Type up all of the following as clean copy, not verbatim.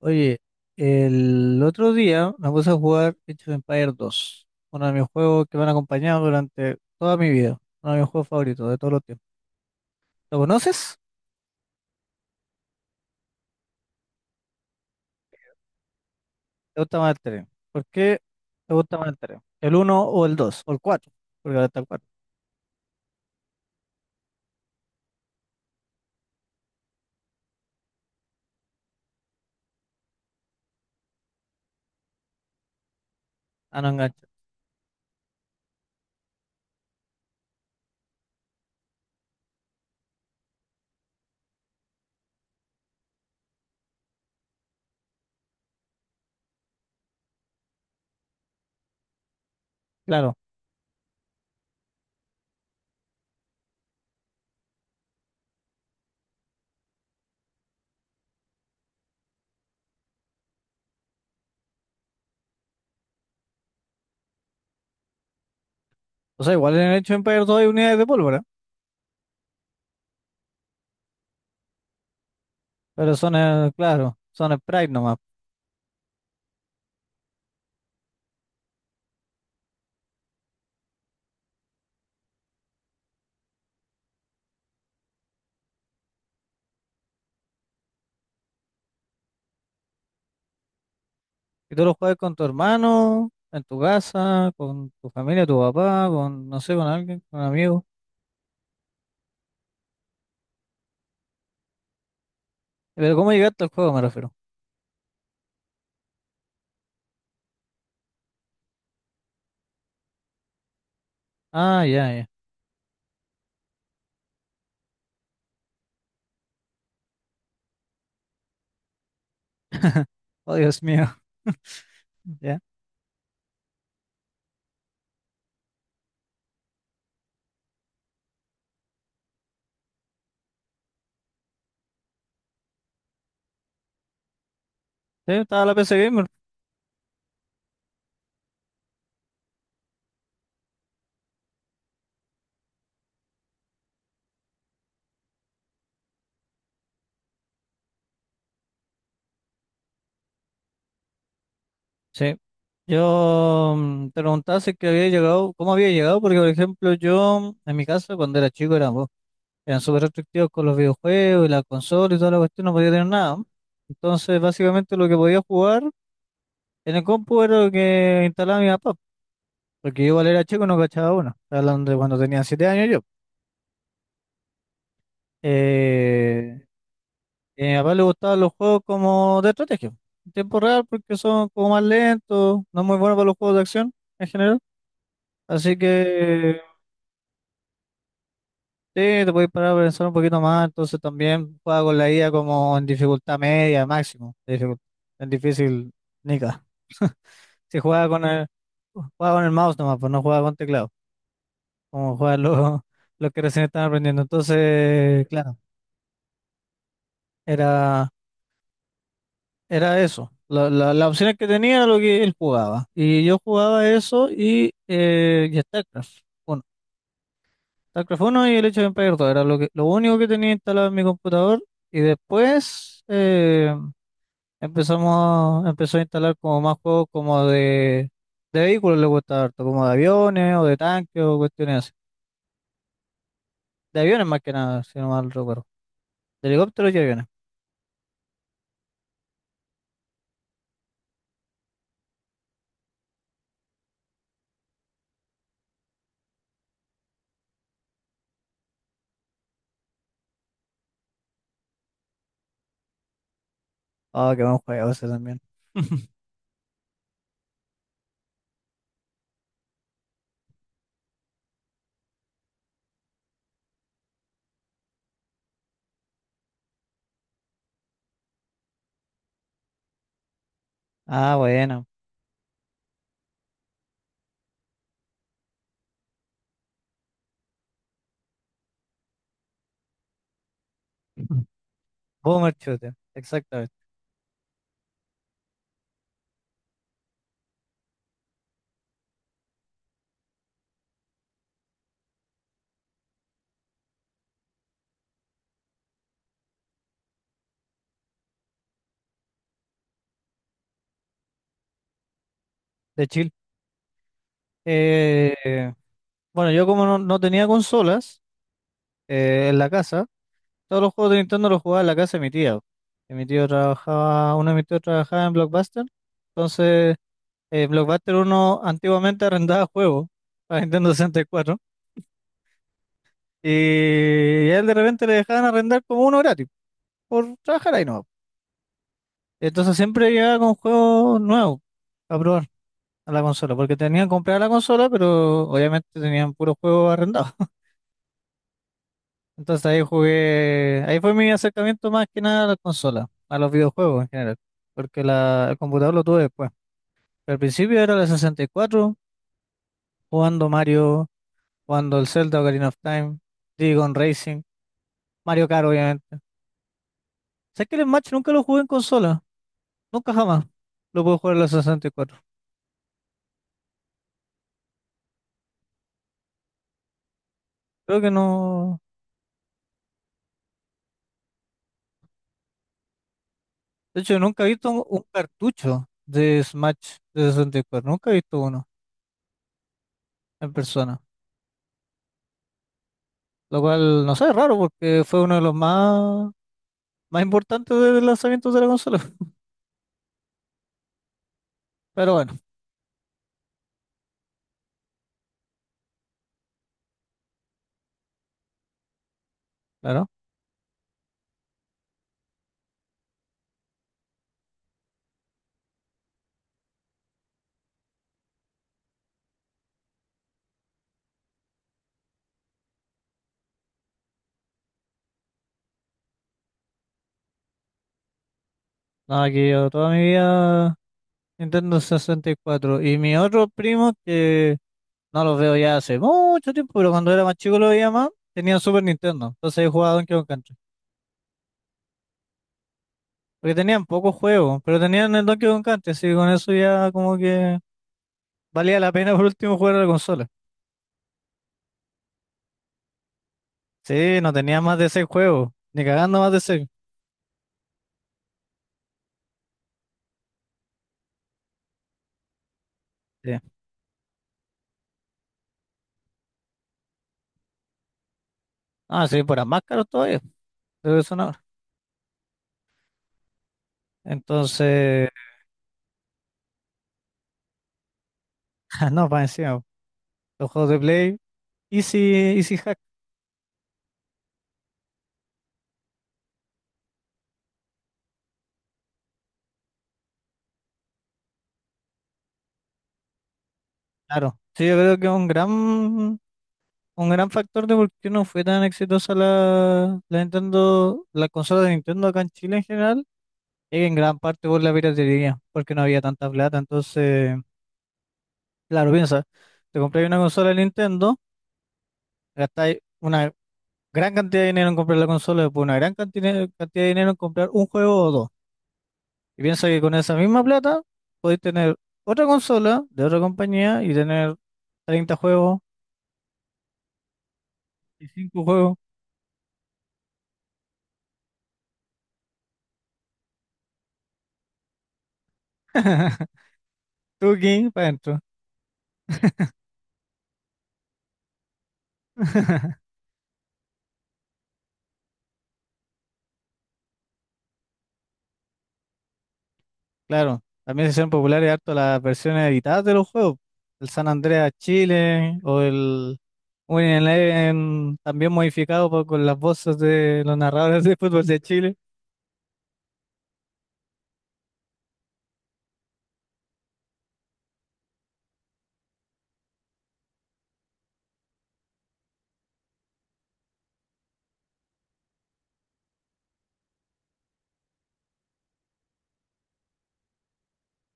Oye, el otro día me puse a jugar Age of Empires 2, uno de mis juegos que me han acompañado durante toda mi vida, uno de mis juegos favoritos de todos los tiempos. ¿Lo conoces? ¿Te gusta más el 3? ¿Por qué te gusta más el 3? ¿El 1 o el 2 o el 4? Porque ahora está el 4. Ah, no engancha. Claro. O sea, igual en el Age of Empires 2 hay unidades de pólvora, pero son, claro, son sprites nomás. Y tú lo juegas con tu hermano, en tu casa, con tu familia, tu papá, con, no sé, con alguien, con un amigo. Pero ¿cómo llegaste al juego, me refiero? Ah, ya, ya. Oh, Dios mío. Ya. Sí, estaba la PC Gamer. Sí. Yo te preguntaba si es que había llegado, cómo había llegado, porque por ejemplo yo, en mi casa, cuando era chico, eran súper restrictivos con los videojuegos y la consola y toda la cuestión, no podía tener nada. Entonces, básicamente lo que podía jugar en el compu era lo que instalaba mi papá, porque yo igual era chico y no cachaba uno. Estoy hablando de cuando tenía 7 años yo. Eh, Y a mi papá le gustaban los juegos como de estrategia, en tiempo real, porque son como más lentos, no es muy bueno para los juegos de acción en general. Así que sí, te puedes parar a pensar un poquito más. Entonces también juega con la IA como en dificultad media, máximo, en difícil, nica. Si juega con el, juega con el mouse nomás, pues no juega con teclado, como juegan los, los que recién están aprendiendo. Entonces, claro, era. Era eso. Las opciones que tenía era lo que él jugaba. Y yo jugaba eso y StarCraft 1. StarCraft 1 y el hecho de Empire 2 era lo que, lo único que tenía instalado en mi computador. Y después empezó a instalar como más juegos como de vehículos le gustaba harto, como de aviones o de tanques o cuestiones así. De aviones más que nada, si no mal recuerdo. De helicópteros y aviones. Ah, qué buen juego ese también. Ah, bueno. Boomer Shooter, exactamente. De Eh, bueno, yo como no tenía consolas en la casa, todos los juegos de Nintendo los jugaba en la casa de mi tía, que mi tío trabajaba, uno de mis tíos trabajaba en Blockbuster, entonces Blockbuster uno antiguamente arrendaba juegos para Nintendo 64 y cuatro. Y a él de repente le dejaban arrendar como uno gratis por trabajar ahí, ¿no? Entonces siempre llegaba con juegos nuevos a probar a la consola, porque tenían comprada la consola, pero obviamente tenían puros juegos arrendados. Entonces ahí jugué, ahí fue mi acercamiento más que nada a la consola, a los videojuegos en general, porque la, el computador lo tuve después. Pero al principio era la 64, jugando Mario, jugando el Zelda Ocarina of Time, Digon Racing, Mario Kart obviamente. Sé que el Smash nunca lo jugué en consola, nunca jamás lo pude jugar en la 64. Creo que no, de hecho nunca he visto un cartucho de Smash de 64, nunca he visto uno en persona, lo cual no sé, es raro porque fue uno de los más importante del lanzamiento de la consola. Pero bueno, claro. Nada, que yo toda mi vida Nintendo 64. Y cuatro. Y mis otros primos, que no los veo ya hace mucho tiempo, pero cuando era más chico lo veía más, tenían Super Nintendo. Entonces yo jugaba Donkey Kong Country. Porque tenían pocos juegos, pero tenían el Donkey Kong Country, así que con eso ya como que valía la pena por último jugar a la consola. Sí, no tenía más de seis juegos, ni cagando más de seis. Sí. Ah, sí, por más caros todavía, de lo que son ahora. Entonces, no, para encima, los juegos de Play Easy, Easy Hack, claro. Sí, yo creo que es un gran factor de por qué no fue tan exitosa la Nintendo, la consola de Nintendo acá en Chile en general, es que en gran parte por la piratería, porque no había tanta plata. Entonces, claro, piensa, te compras una consola de Nintendo, gastáis una gran cantidad de dinero en comprar la consola, después una gran cantidad de dinero en comprar un juego o dos. Y piensa que con esa misma plata podéis tener otra consola de otra compañía y tener 30 juegos y 5 juegos. Tuki, para adentro. Claro, también se hicieron populares harto las versiones editadas de los juegos. El San Andreas Chile o el Winning Eleven, también modificado con las voces de los narradores de fútbol de Chile.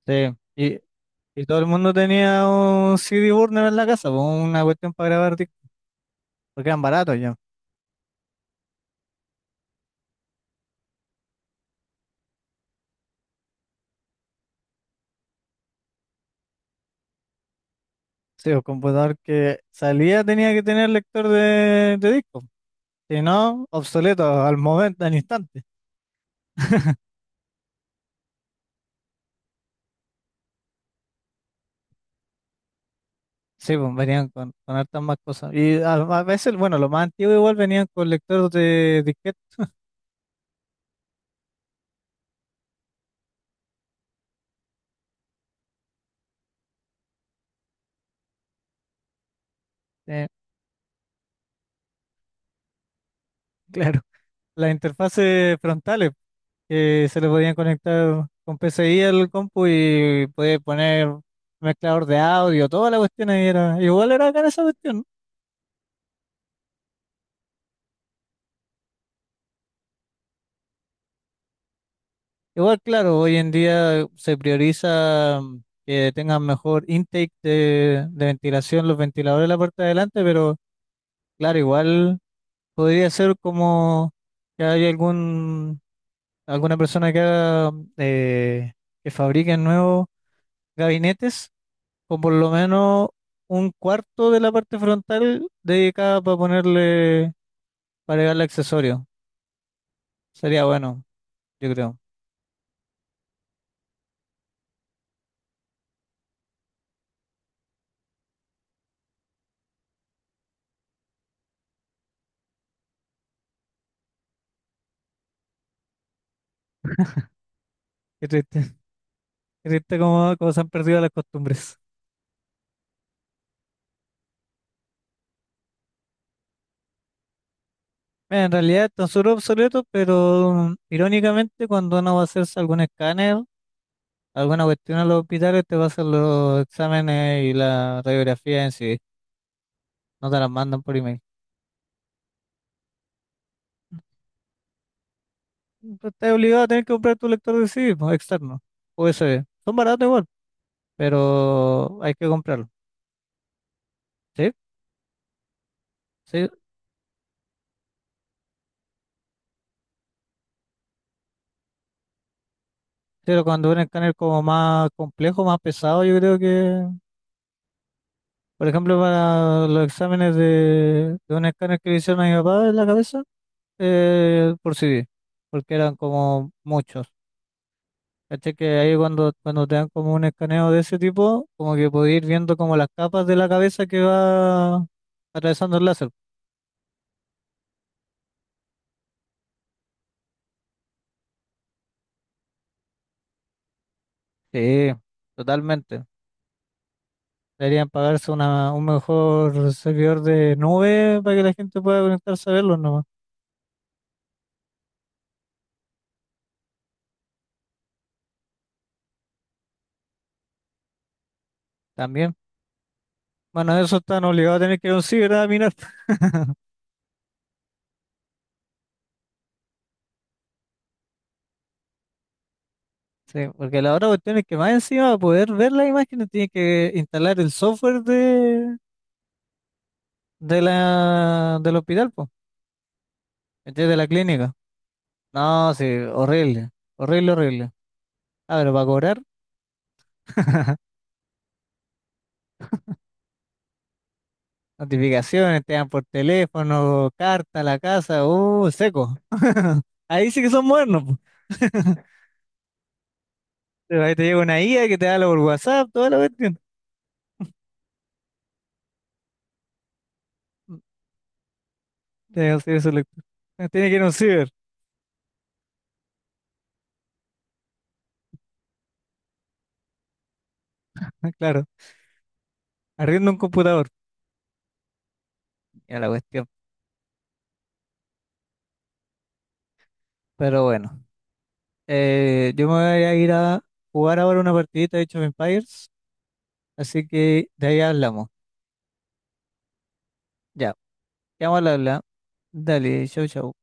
Sí, y, y todo el mundo tenía un CD burner en la casa, po, una cuestión para grabar discos, porque eran baratos ya. Sí, el computador que salía tenía que tener lector de disco. Si no, obsoleto al momento, al instante. Sí, pues venían con hartas más cosas. Y a veces, bueno, lo más antiguo igual venían con lectores de disquete, eh, claro, las interfaces frontales que se le podían conectar con PCI al compu y podías poner mezclador de audio, toda la cuestión ahí era, igual era cara esa cuestión, ¿no? Igual, claro, hoy en día se prioriza que tengan mejor intake de ventilación los ventiladores de la parte de adelante, pero claro, igual podría ser como que hay algún alguna persona que haga, eh, que fabrique nuevos gabinetes con por lo menos un cuarto de la parte frontal dedicada para ponerle, para agregarle accesorio. Sería bueno, yo creo. Qué triste, qué triste como se han perdido las costumbres. Mira, en realidad están súper obsoletos, pero irónicamente cuando uno va a hacerse algún escáner, alguna cuestión en los hospitales, te va a hacer los exámenes y la radiografía en sí. No te las mandan por email. Pero estás obligado a tener que comprar tu lector de CD, pues, externo, USB. Son baratos igual, pero hay que comprarlo. Sí, sí, pero cuando un escáner como más complejo, más pesado, yo creo que, por ejemplo, para los exámenes de un escáner que le hicieron a mi papá en la cabeza, por CD, porque eran como muchos. ¿Cachai? Que ahí cuando te dan como un escaneo de ese tipo, como que podés ir viendo como las capas de la cabeza que va atravesando el láser. Sí, totalmente. Deberían pagarse un mejor servidor de nube para que la gente pueda conectarse a verlos nomás. También. Bueno, eso están obligados a tener que ir a un ciber a mirar. Sí, porque la otra cuestión es que más encima para poder ver las imágenes tienen que instalar el software del hospital, pues, de la clínica. No, sí, horrible. Horrible, horrible. Ah, pero para cobrar, notificaciones, te dan por teléfono, carta a la casa, seco. Ahí sí que son modernos, po. Pero ahí te llega una IA que te habla por WhatsApp, toda la cuestión. Tiene que ser su lector. Ah, tiene que ir a un ciber, claro. Arriendo un computador, ya la cuestión. Pero bueno, yo me voy a ir a jugar ahora una partidita de Age of Empires, así que de ahí hablamos. Ya, ya vamos a hablar. Dale, chau, chau.